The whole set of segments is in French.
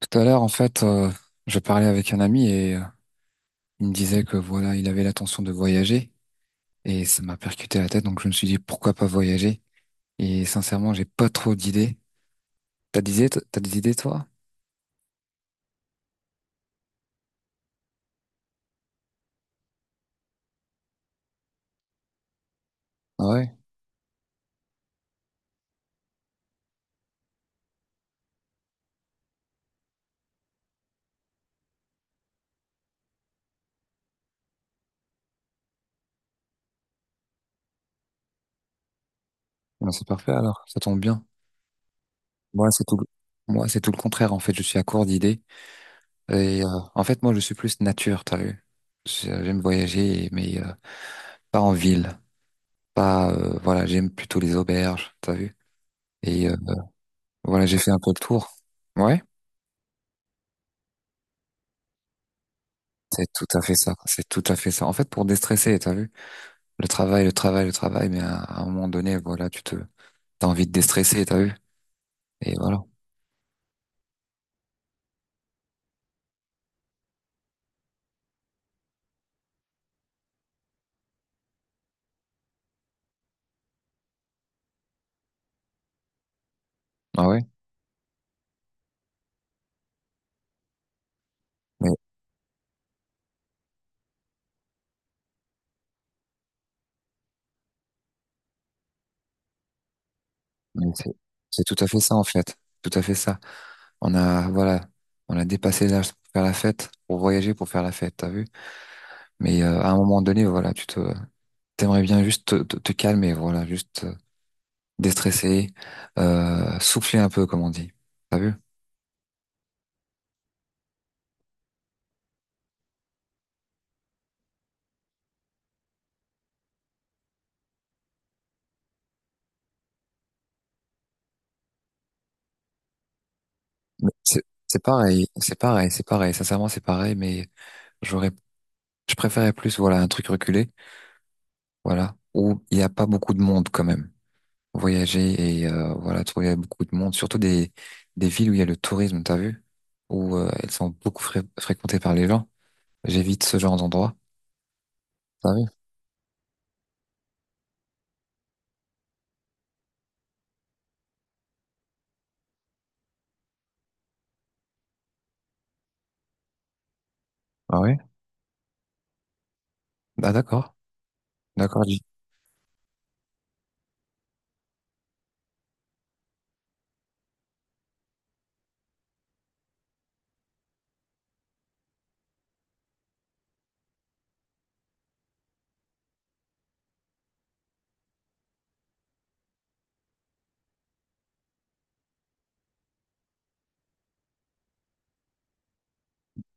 Tout à l'heure, en fait, je parlais avec un ami et il me disait que voilà, il avait l'intention de voyager et ça m'a percuté la tête, donc je me suis dit pourquoi pas voyager. Et sincèrement, j'ai pas trop d'idées. T'as des idées, t'as des idées toi? Ah ouais. Ben, c'est parfait alors, ça tombe bien. Moi, c'est tout, moi, c'est tout le contraire en fait. Je suis à court d'idées et en fait, moi, je suis plus nature, t'as vu? J'aime voyager, mais pas en ville, pas voilà, j'aime plutôt les auberges, t'as vu? Et voilà, j'ai fait un peu le tour. Ouais. C'est tout à fait ça, c'est tout à fait ça. En fait, pour déstresser, t'as vu? Le travail, le travail, le travail, mais à un moment donné, voilà, t'as envie de déstresser, t'as vu? Et voilà. Ah ouais? Mais, mais c'est tout à fait ça, en fait. Tout à fait ça. Voilà, on a dépassé l'âge pour faire la fête, pour voyager, pour faire la fête, t'as vu? Mais à un moment donné, voilà, t'aimerais bien juste te calmer, voilà, juste déstresser, souffler un peu, comme on dit. T'as vu? Mais c'est pareil, c'est pareil, c'est pareil. Sincèrement, c'est pareil, mais j'aurais Je préférais plus, voilà, un truc reculé, voilà, où il n'y a pas beaucoup de monde quand même. Voyager et voilà, trouver beaucoup de monde, surtout des villes où il y a le tourisme, t'as vu, où elles sont beaucoup fréquentées par les gens. J'évite ce genre d'endroit. T'as vu? Ah oui. Ah d'accord, d'accord,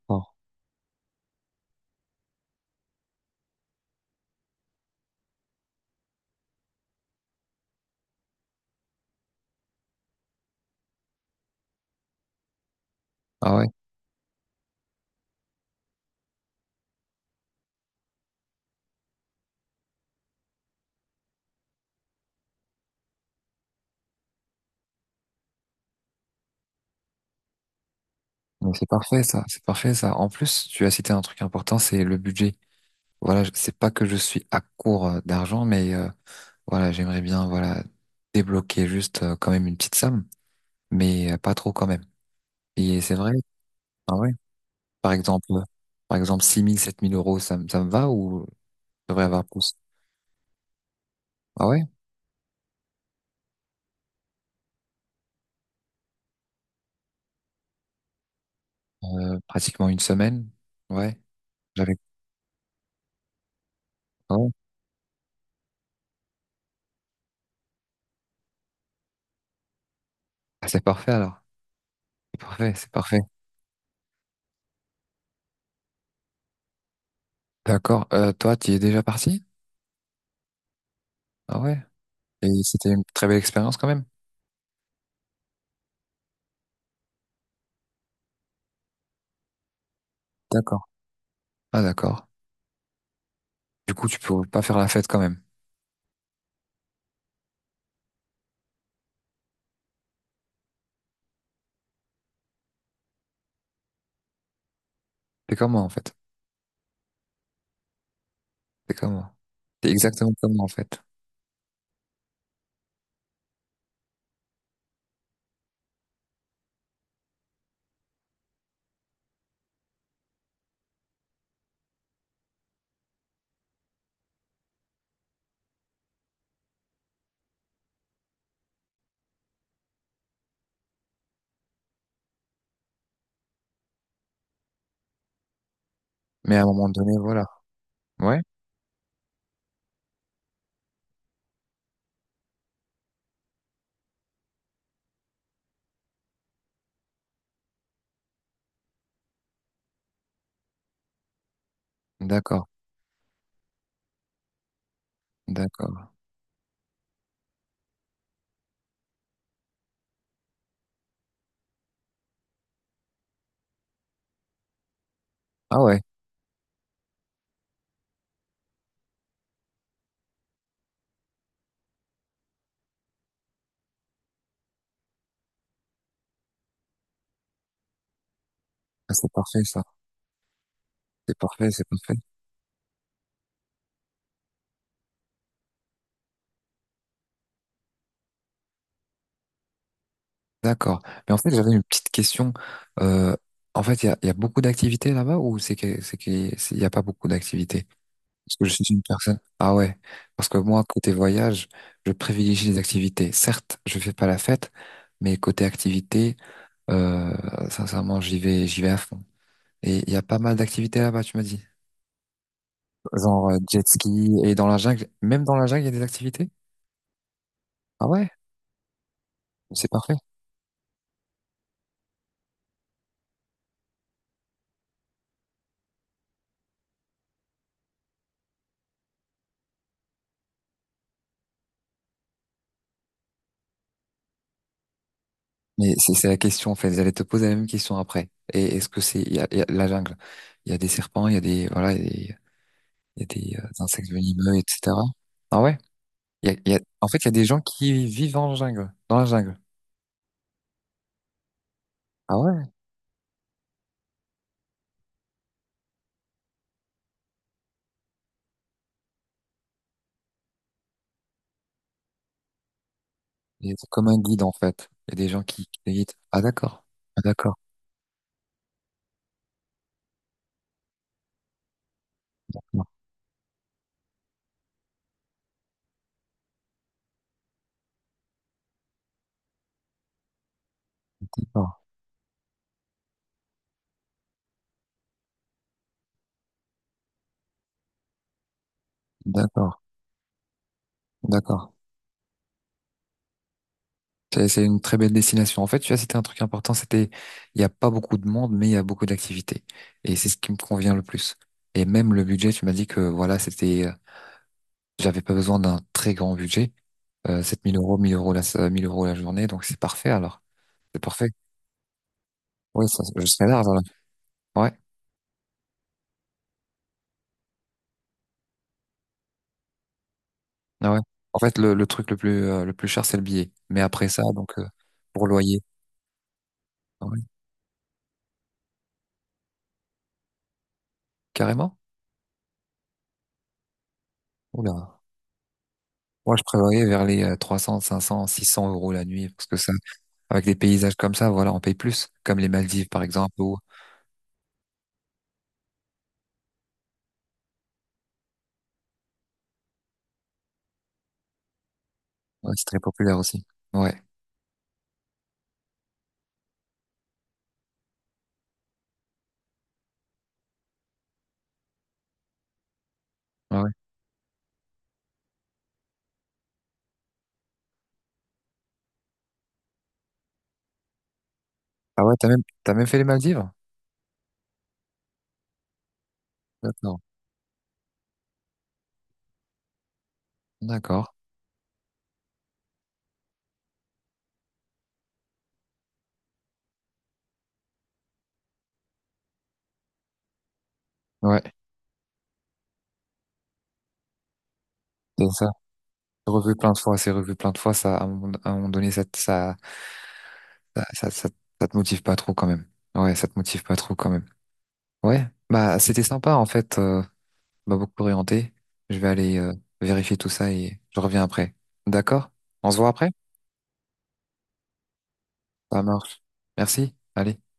bon. Ah ouais, mais c'est parfait ça, c'est parfait ça. En plus, tu as cité un truc important, c'est le budget. Voilà, c'est pas que je suis à court d'argent, mais voilà, j'aimerais bien, voilà, débloquer juste quand même une petite somme, mais pas trop quand même. Et c'est vrai, ah ouais. Par exemple, par exemple, 6 000 7 000 euros, ça me va ou je devrais avoir plus? Ah ouais? Pratiquement une semaine? Ouais. J'avais, ah ouais. Ah, c'est parfait alors. C'est parfait, c'est parfait. D'accord. Toi, tu es déjà parti? Ah ouais. Et c'était une très belle expérience quand même? D'accord. Ah d'accord. Du coup, tu peux pas faire la fête quand même. T'es comme moi en fait. T'es comme moi. T'es exactement comme moi en fait. Mais à un moment donné, voilà. Ouais. D'accord. D'accord. Ah ouais. Ah, c'est parfait ça. C'est parfait, c'est parfait. D'accord. Mais en fait, j'avais une petite question. Euh, En fait, il y a beaucoup d'activités là-bas ou il n'y a pas beaucoup d'activités? Parce que je suis une personne. Ah ouais. Parce que moi, côté voyage, je privilégie les activités. Certes, je fais pas la fête, mais côté activité, euh, sincèrement, j'y vais à fond. Et il y a pas mal d'activités là-bas, tu m'as dit. Genre jet ski et dans la jungle. Même dans la jungle, il y a des activités? Ah ouais? C'est parfait. Mais c'est la question en fait. J'allais te poser la même question après. Et est-ce que c'est il y a la jungle? Il y a des serpents, il y a des, il y a des, insectes venimeux, etc. Ah ouais? En fait, il y a des gens qui vivent en jungle, dans la jungle. Ah ouais? Et c'est comme un guide en fait. Il y a des gens qui te guident. Ah d'accord. Ah d'accord. D'accord. D'accord. D'accord. C'est une très belle destination. En fait, tu as cité un truc important, c'était il n'y a pas beaucoup de monde, mais il y a beaucoup d'activités. Et c'est ce qui me convient le plus. Et même le budget, tu m'as dit que voilà, c'était J'avais pas besoin d'un très grand budget. 7 000 euros, 1 000 euros la journée, donc c'est parfait alors. C'est parfait. Oui, ça, je serais large alors. Ouais, ah ouais. En fait, le truc le plus cher, c'est le billet. Mais après ça, donc, pour loyer. Ah ouais. Carrément? Oula. Moi, je prévoyais vers les 300, 500, 600 euros la nuit, parce que ça, avec des paysages comme ça, voilà, on paye plus. Comme les Maldives, par exemple, où, ouais, c'est très populaire aussi. Ouais, ouais, ouais. Ah ouais, t'as même fait les Maldives? D'accord. D'accord. Ouais. Et ça revu plein de fois, c'est revu plein de fois, ça, à un moment donné, ça, te- ça- ça te motive pas trop quand même. Ouais, ça te motive pas trop quand même. Ouais, bah c'était sympa en fait, m'a beaucoup orienté. Je vais aller vérifier tout ça et je reviens après. D'accord? On se voit après? Ça marche. Merci. Allez.